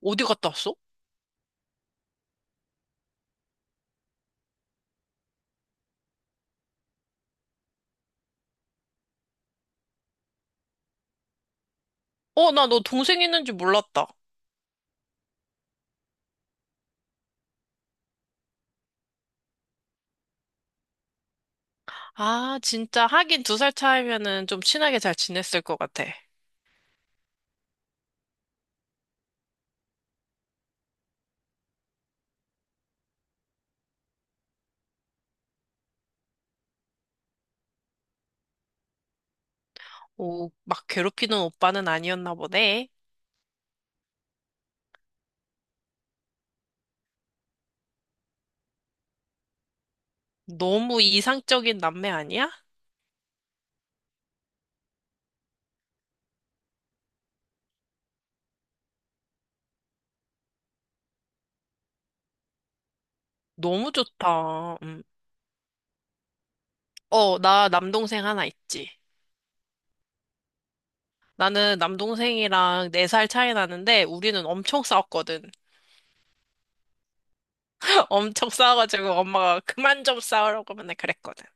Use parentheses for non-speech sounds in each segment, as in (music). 어디 갔다 왔어? 어, 나 너 동생 있는지 몰랐다. 아, 진짜 하긴 2살 차이면은 좀 친하게 잘 지냈을 것 같아. 오, 막 괴롭히는 오빠는 아니었나 보네. 너무 이상적인 남매 아니야? 너무 좋다. 음. 어, 나 남동생 하나 있지. 나는 남동생이랑 4살 차이 나는데 우리는 엄청 싸웠거든. (laughs) 엄청 싸워가지고 엄마가 그만 좀 싸우라고 맨날 그랬거든.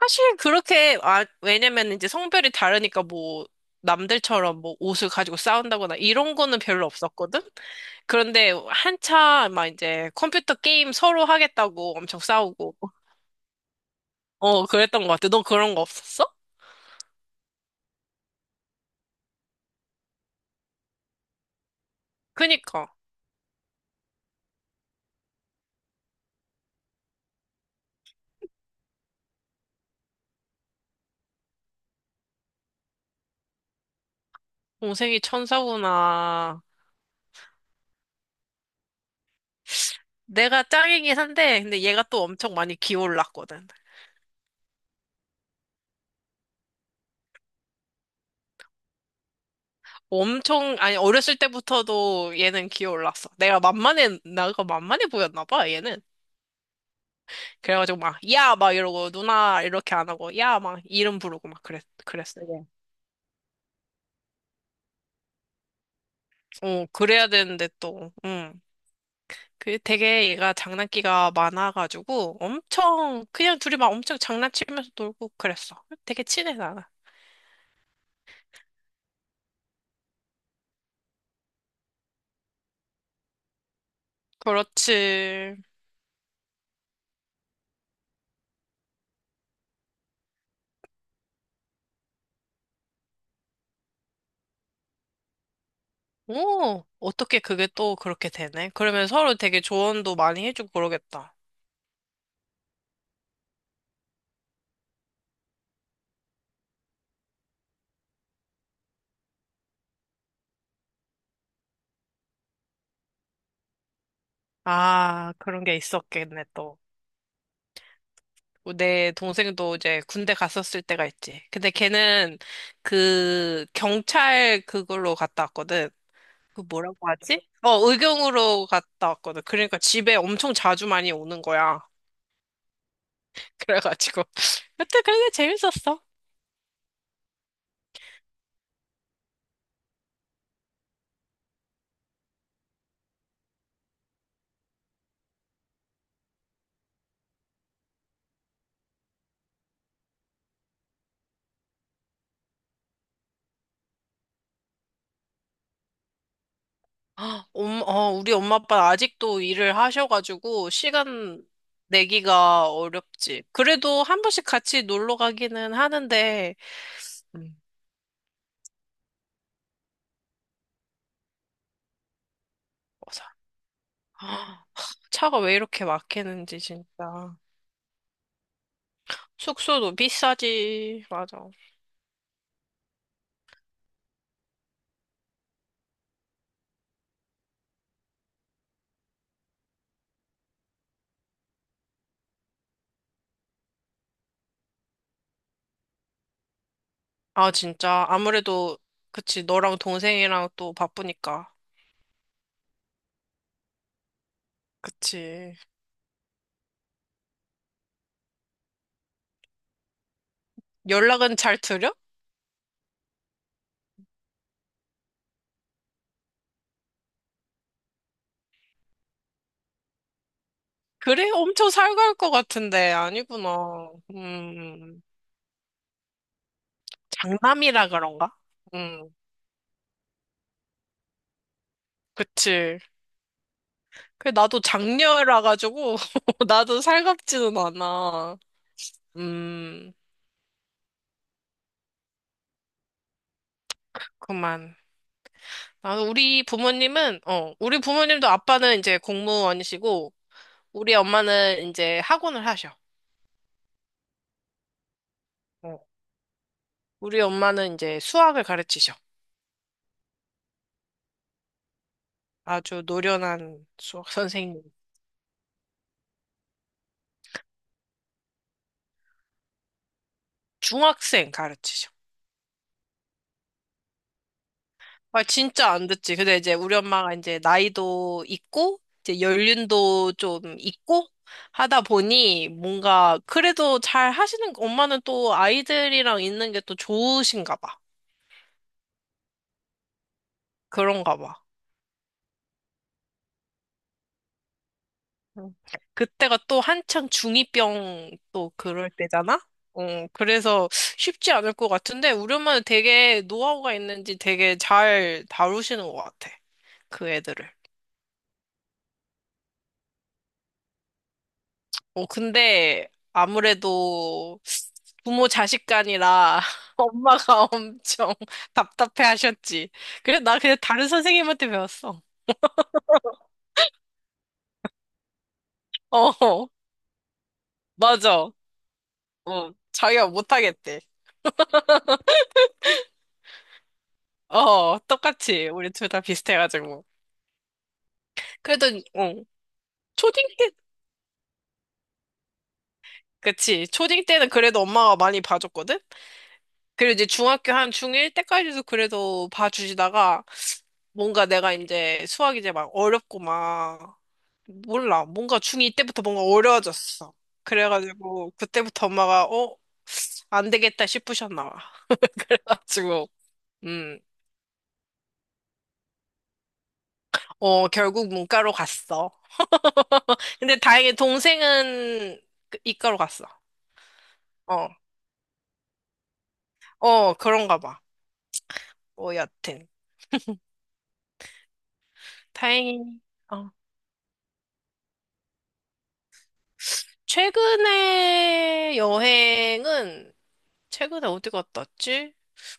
사실 그렇게 아 왜냐면 이제 성별이 다르니까 뭐 남들처럼 뭐 옷을 가지고 싸운다거나 이런 거는 별로 없었거든. 그런데 한참 막 이제 컴퓨터 게임 서로 하겠다고 엄청 싸우고 그랬던 것 같아. 너 그런 거 없었어? 그니까 동생이 천사구나. 내가 짱이긴 한데 근데 얘가 또 엄청 많이 기어올랐거든. 엄청 아니 어렸을 때부터도 얘는 기어올랐어. 내가 만만해 나가 만만해 보였나 봐 얘는. 그래가지고 막, 야! 막 이러고, 누나! 이렇게 안 하고, 야! 막 이름 부르고 막 그랬어. 그래. 어, 그래야 되는데 또, 그 되게 얘가 장난기가 많아가지고, 엄청, 그냥 둘이 막 엄청 장난치면서 놀고 그랬어. 되게 친해, 나는. 그렇지. 오, 어떻게 그게 또 그렇게 되네? 그러면 서로 되게 조언도 많이 해주고 그러겠다. 아, 그런 게 있었겠네, 또. 뭐 내 동생도 이제 군대 갔었을 때가 있지. 근데 걔는 그 경찰 그걸로 갔다 왔거든. 그 뭐라고 하지? 의경으로 갔다 왔거든. 그러니까 집에 엄청 자주 많이 오는 거야. (laughs) 그래가지고. 여튼 그게 재밌었어. (gasps) 헉, 우리 엄마 아빠 아직도 일을 하셔가지고 시간 내기가 어렵지. 그래도 한 번씩 같이 놀러 가기는 하는데, 음, 아, 차가 왜 이렇게 막히는지 진짜. 숙소도 비싸지. 맞아. 아, 진짜. 아무래도, 그치. 너랑 동생이랑 또 바쁘니까. 그치. 연락은 잘 드려? 그래? 엄청 살갈 것 같은데. 아니구나. 장남이라 그런가? 음, 그치. 그 나도 장녀라 가지고, (laughs) 나도 살갑지는 않아. 음, 그만. 아, 우리 부모님도 아빠는 이제 공무원이시고, 우리 엄마는 이제 학원을 하셔. 어. 우리 엄마는 이제 수학을 가르치셔. 아주 노련한 수학 선생님. 중학생 가르치셔. 아, 진짜 안 듣지. 근데 이제 우리 엄마가 이제 나이도 있고, 이제 연륜도 좀 있고, 하다 보니 뭔가 그래도 잘 하시는, 엄마는 또 아이들이랑 있는 게 또 좋으신가 봐. 그런가 봐. 응. 그때가 또 한창 중이병 또 그럴 때잖아? 그래서 쉽지 않을 것 같은데, 우리 엄마는 되게 노하우가 있는지 되게 잘 다루시는 것 같아. 그 애들을. 근데 아무래도 부모 자식 간이라 (laughs) 엄마가 엄청 (laughs) 답답해 하셨지. 그래, 나 그냥 다른 선생님한테 배웠어. 어, 맞아. 어, 자기가 못하겠대. 어, 똑같이. 우리 둘 다 비슷해가지고. 그래도, 어. 초딩 때, 그치. 초딩 때는 그래도 엄마가 많이 봐줬거든? 그리고 이제 중학교 한 중1 때까지도 그래도 봐주시다가 뭔가 내가 이제 수학 이제 막 어렵고 막 몰라. 뭔가 중2 때부터 뭔가 어려워졌어. 그래가지고 그때부터 엄마가 어? 안 되겠다 싶으셨나 봐. (laughs) 지금. 음. 어, 결국 문과로 갔어. 근데 다행히 동생은 그 이과로 갔어. 어. 어, 그런가 봐. 뭐 여튼. 다행히. 어 최근에 여행은 최근에 어디 갔다 왔지?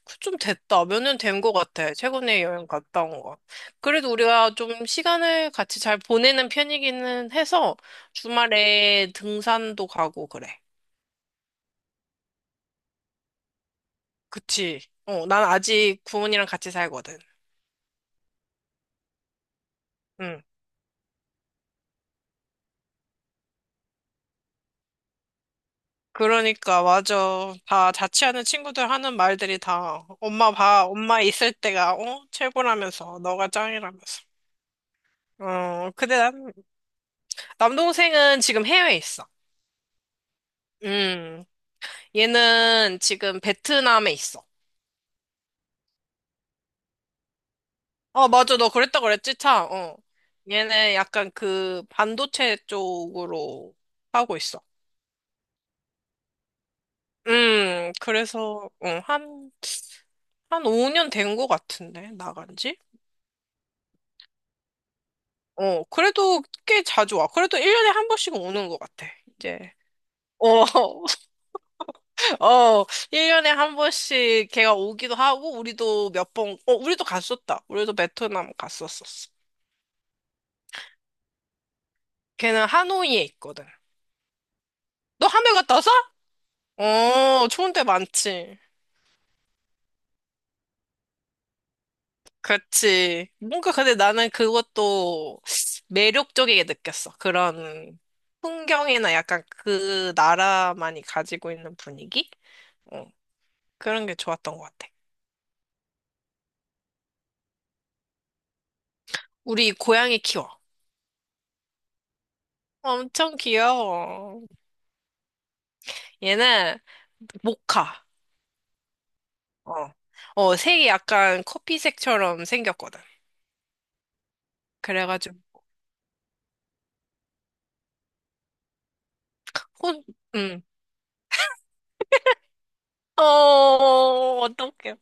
그 좀 됐다. 몇 년 된 것 같아. 최근에 여행 갔다 온 거. 그래도 우리가 좀 시간을 같이 잘 보내는 편이기는 해서 주말에 등산도 가고 그래. 그치? 어, 난 아직 부모님이랑 같이 살거든. 응. 그러니까 맞아. 다 자취하는 친구들 하는 말들이 다 엄마 봐, 엄마 있을 때가 어? 최고라면서 너가 짱이라면서. 어, 근데 난 남동생은 지금 해외에 있어. 음, 얘는 지금 베트남에 있어. 어, 맞아. 너 그랬다 그랬지, 참. 어. 얘는 약간 그 반도체 쪽으로 하고 있어. 그래서, 한 5년 된 것 같은데, 나간 지? 어, 그래도 꽤 자주 와. 그래도 1년에 한 번씩은 오는 것 같아, 이제. 어, (laughs) 어, 1년에 한 번씩 걔가 오기도 하고, 우리도 몇 번, 우리도 갔었다. 우리도 베트남 갔었었어. 걔는 하노이에 있거든. 너 하노이 갔다 왔어? 어, 좋은 데 많지. 그렇지. 뭔가 근데 나는 그것도 매력적이게 느꼈어. 그런 풍경이나 약간 그 나라만이 가지고 있는 분위기? 어, 그런 게 좋았던 것 같아. 우리 고양이 키워. 엄청 귀여워. 얘는 모카. 어, 색이 약간 커피색처럼 생겼거든. 그래가지고, 혼, 음. 어, 어떡해.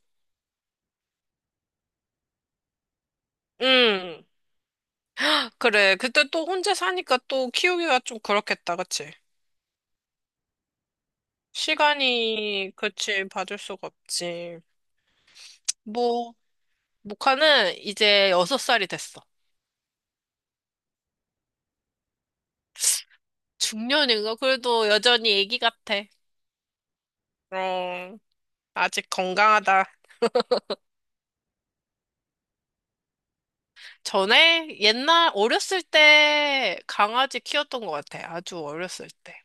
응. 그래. 그때 또 혼자 사니까 또 키우기가 좀 그렇겠다. 그치? 시간이, 그치, 봐줄 수가 없지. 뭐, 모카는 이제 여섯 살이 됐어. 중년인가? 그래도 여전히 애기 같아. 어, 아직 건강하다. 전에 옛날 어렸을 때 강아지 키웠던 것 같아. 아주 어렸을 때.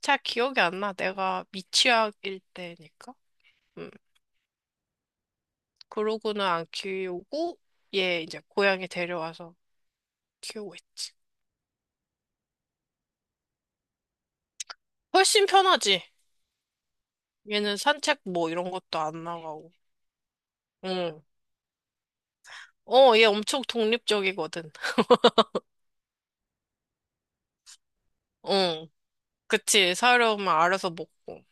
잘 기억이 안 나. 내가 미취학일 때니까. 음. 그러고는 안 키우고 얘 이제 고양이 데려와서 키우고 있지. 훨씬 편하지. 얘는 산책 뭐 이런 것도 안 나가고. 응. 어, 얘 엄청 독립적이거든. 응. 그치. 사려면 알아서 먹고.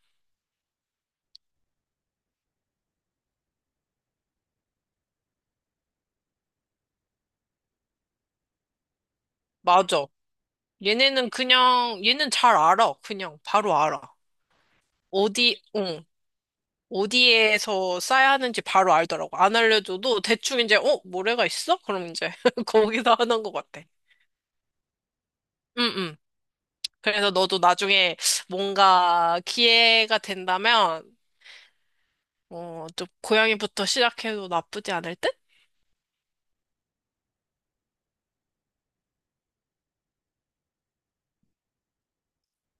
맞아. 얘네는 그냥, 얘는 잘 알아. 그냥 바로 알아. 응. 어디에서 싸야 하는지 바로 알더라고. 안 알려줘도 대충 이제, 모래가 있어? 그럼 이제 (laughs) 거기서 하는 것 같아. 응, 응. 그래서 너도 나중에 뭔가 기회가 된다면, 좀 고양이부터 시작해도 나쁘지 않을 듯?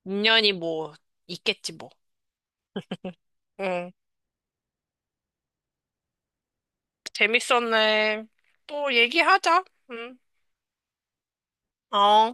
인연이 뭐 있겠지 뭐. 응. 재밌었네. 또 얘기하자. 응. 어.